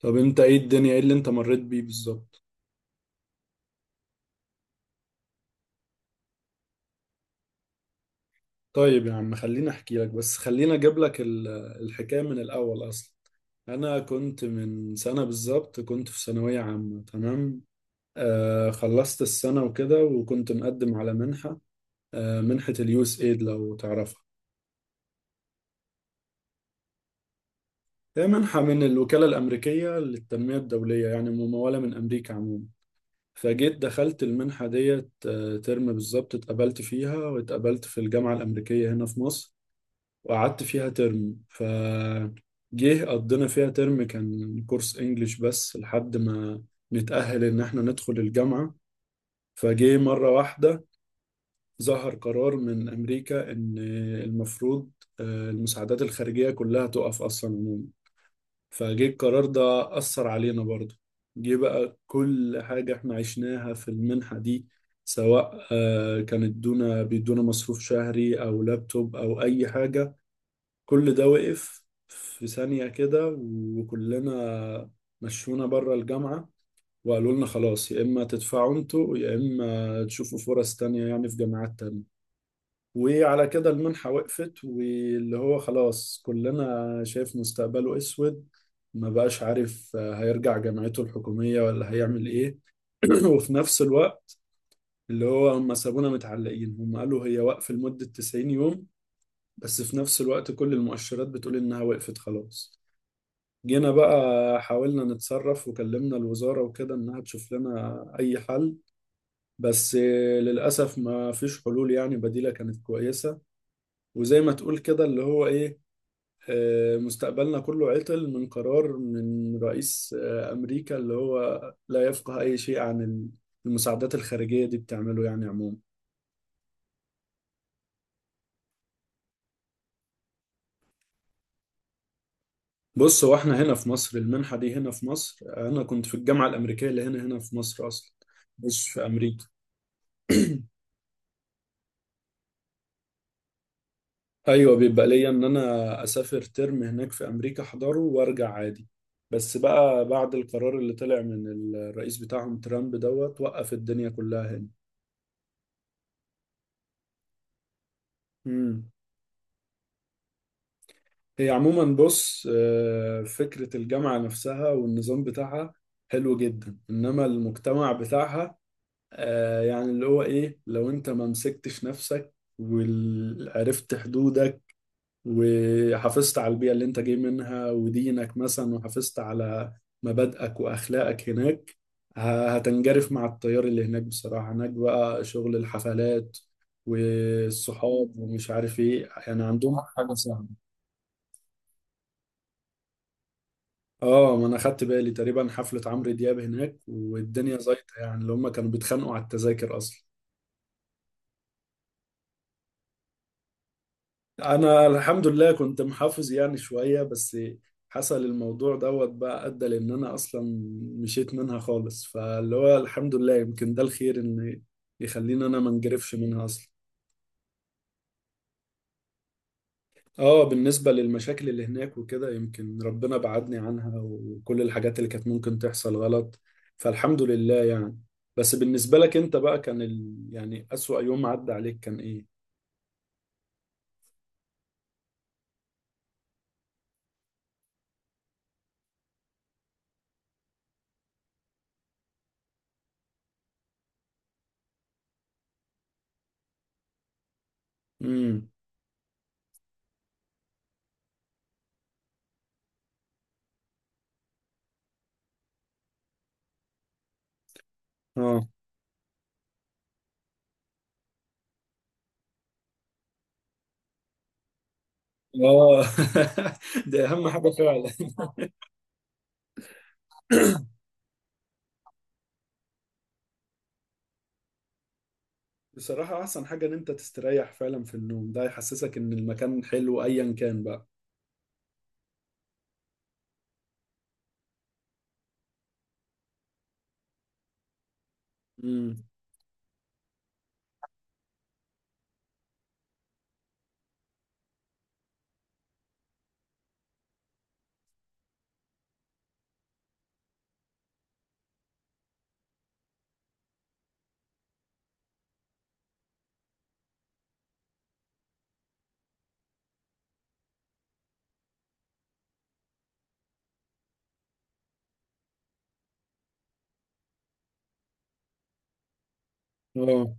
طب انت، ايه الدنيا، ايه اللي انت مريت بيه بالظبط؟ طيب يا عم، خليني احكي لك، بس خليني اجيب لك الحكايه من الاول اصلا. انا كنت من سنه بالظبط، كنت في ثانويه عامه، تمام. خلصت السنه وكده، وكنت مقدم على منحه. منحه اليوس ايد، لو تعرفها. هي منحه من الوكاله الامريكيه للتنميه الدوليه، يعني مموله من امريكا عموما. فجيت دخلت المنحه ديت ترم بالظبط اتقبلت فيها، واتقبلت في الجامعه الامريكيه هنا في مصر. وقعدت فيها ترم، جه قضينا فيها ترم، كان كورس انجليش بس لحد ما نتأهل ان احنا ندخل الجامعة. فجه مرة واحدة، ظهر قرار من امريكا ان المفروض المساعدات الخارجية كلها تقف اصلا عموما. فجه القرار ده أثر علينا برضه. جه بقى كل حاجة احنا عشناها في المنحة دي، سواء كانت دونا بيدونا مصروف شهري او لابتوب او اي حاجة، كل ده وقف في ثانية كده. وكلنا مشونا بره الجامعة، وقالوا لنا خلاص، يا إما تدفعوا انتوا يا إما تشوفوا فرص تانية يعني في جامعات تانية. وعلى كده المنحة وقفت، واللي هو خلاص كلنا شايف مستقبله أسود، ما بقاش عارف هيرجع جامعته الحكومية ولا هيعمل إيه. وفي نفس الوقت اللي هو هم سابونا متعلقين، هم قالوا هي وقف لمدة 90 يوم، بس في نفس الوقت كل المؤشرات بتقول إنها وقفت خلاص. جينا بقى حاولنا نتصرف وكلمنا الوزارة وكده إنها تشوف لنا أي حل، بس للأسف ما فيش حلول يعني بديلة كانت كويسة. وزي ما تقول كده اللي هو إيه، مستقبلنا كله عطل من قرار من رئيس أمريكا، اللي هو لا يفقه أي شيء عن المساعدات الخارجية دي بتعمله يعني عموما. بص، هو احنا هنا في مصر، المنحة دي هنا في مصر، أنا كنت في الجامعة الأمريكية اللي هنا في مصر أصلا، مش في أمريكا. ايوه، بيبقى ليا ان انا اسافر ترم هناك في امريكا احضره وارجع عادي. بس بقى بعد القرار اللي طلع من الرئيس بتاعهم ترامب دوت، وقف الدنيا كلها هنا. امم. هي عموما بص، فكرة الجامعة نفسها والنظام بتاعها حلو جدا، انما المجتمع بتاعها، يعني اللي هو ايه، لو انت ما مسكتش نفسك وعرفت حدودك، وحافظت على البيئة اللي انت جاي منها ودينك مثلا، وحافظت على مبادئك وأخلاقك هناك، هتنجرف مع التيار اللي هناك. بصراحة هناك بقى شغل الحفلات والصحاب ومش عارف ايه، يعني عندهم حاجة صعبة. اه، ما انا خدت بالي تقريبا حفلة عمرو دياب هناك والدنيا زيطة، يعني اللي هم كانوا بيتخانقوا على التذاكر اصلا. انا الحمد لله كنت محافظ يعني شوية، بس حصل الموضوع دوت بقى ادى لان انا اصلا مشيت منها خالص، فاللي هو الحمد لله يمكن ده الخير ان يخليني انا ما انجرفش منها اصلا. اه، بالنسبة للمشاكل اللي هناك وكده يمكن ربنا بعدني عنها وكل الحاجات اللي كانت ممكن تحصل غلط، فالحمد لله يعني. بس بالنسبة لك انت بقى، كان يعني اسوأ يوم عدى عليك كان ايه؟ امم. اه. اه. دي اهم حاجة فعلا. بصراحة أحسن حاجة إن أنت تستريح، فعلا في النوم ده يحسسك إن المكان حلو أيا كان بقى. امم. اه.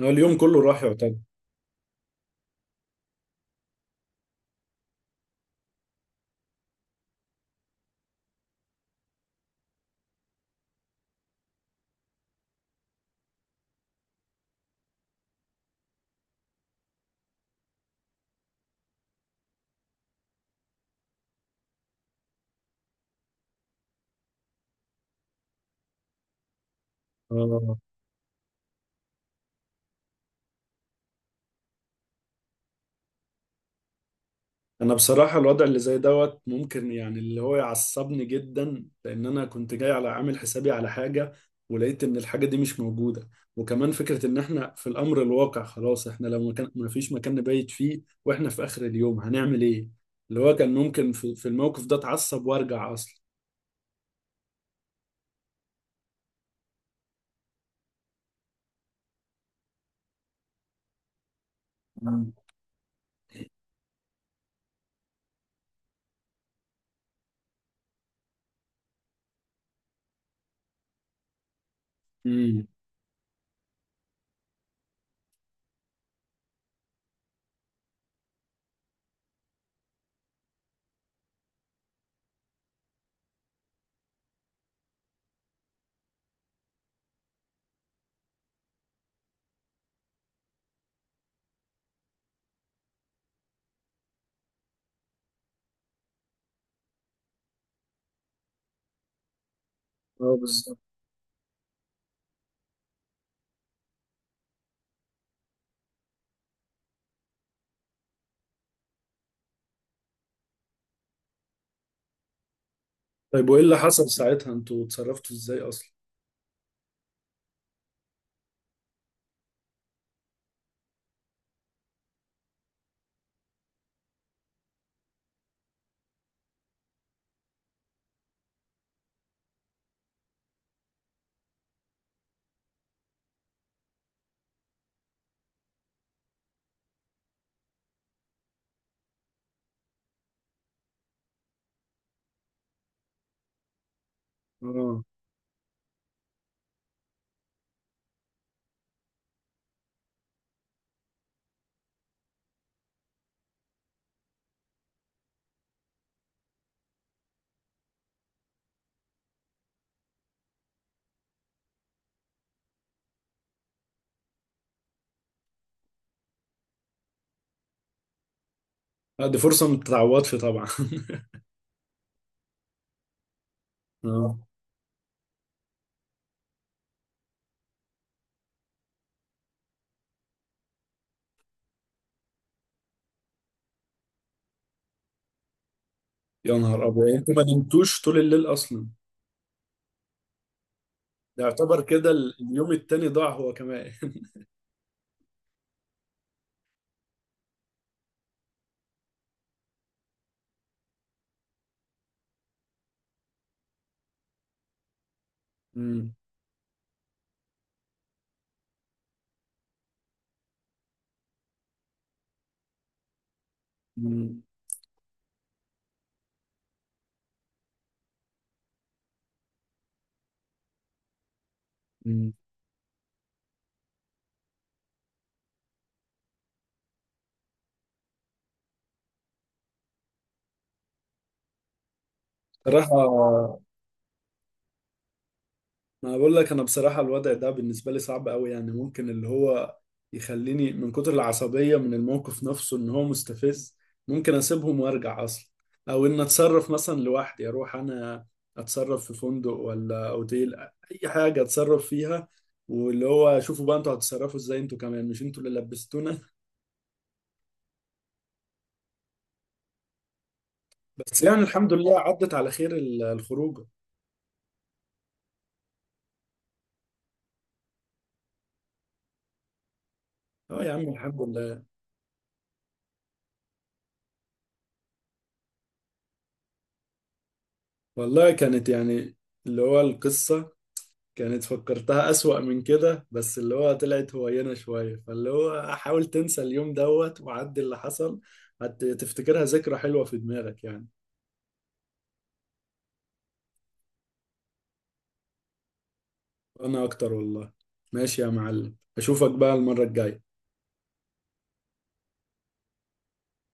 هو اليوم كله راح يعتبر. اه، أنا بصراحة الوضع اللي زي دوت ممكن يعني اللي هو يعصبني جدا، لأن أنا كنت جاي على عامل حسابي على حاجة، ولقيت إن الحاجة دي مش موجودة. وكمان فكرة إن إحنا في الأمر الواقع خلاص، إحنا لو مكان ما فيش مكان نبيت فيه وإحنا في آخر اليوم هنعمل إيه؟ اللي هو كان ممكن في الموقف ده أتعصب وأرجع أصلا. امم. امم. اه، بالظبط. طيب وايه اللي حصل ساعتها، انتوا اتصرفتوا ازاي اصلا؟ اه. دي فرصه ما تتعوضش طبعا. اه، يا نهار ابيض، يعني انتوا ما نمتوش طول الليل اصلا؟ ده يعتبر كده اليوم التاني ضاع هو كمان. امم. امم. أمم. صراحه، ما بقول لك انا بصراحه الوضع ده بالنسبه لي صعب قوي، يعني ممكن اللي هو يخليني من كتر العصبيه من الموقف نفسه ان هو مستفز، ممكن اسيبهم وارجع اصلا، او ان اتصرف مثلا لوحدي، اروح انا اتصرف في فندق ولا اوتيل، اي حاجه اتصرف فيها. واللي هو شوفوا بقى انتوا هتتصرفوا ازاي، انتوا كمان مش انتوا اللي لبستونا. بس يعني الحمد لله عدت على خير الخروجه. اه يا عم، الحمد لله. والله كانت يعني اللي هو، القصه كانت فكرتها أسوأ من كده، بس اللي هو طلعت هوينة شوية، فاللي هو حاول تنسى اليوم دوت وعدي اللي حصل، هتفتكرها ذكرى حلوة في دماغك يعني. أنا أكتر والله. ماشي يا معلم، أشوفك بقى المرة الجاية.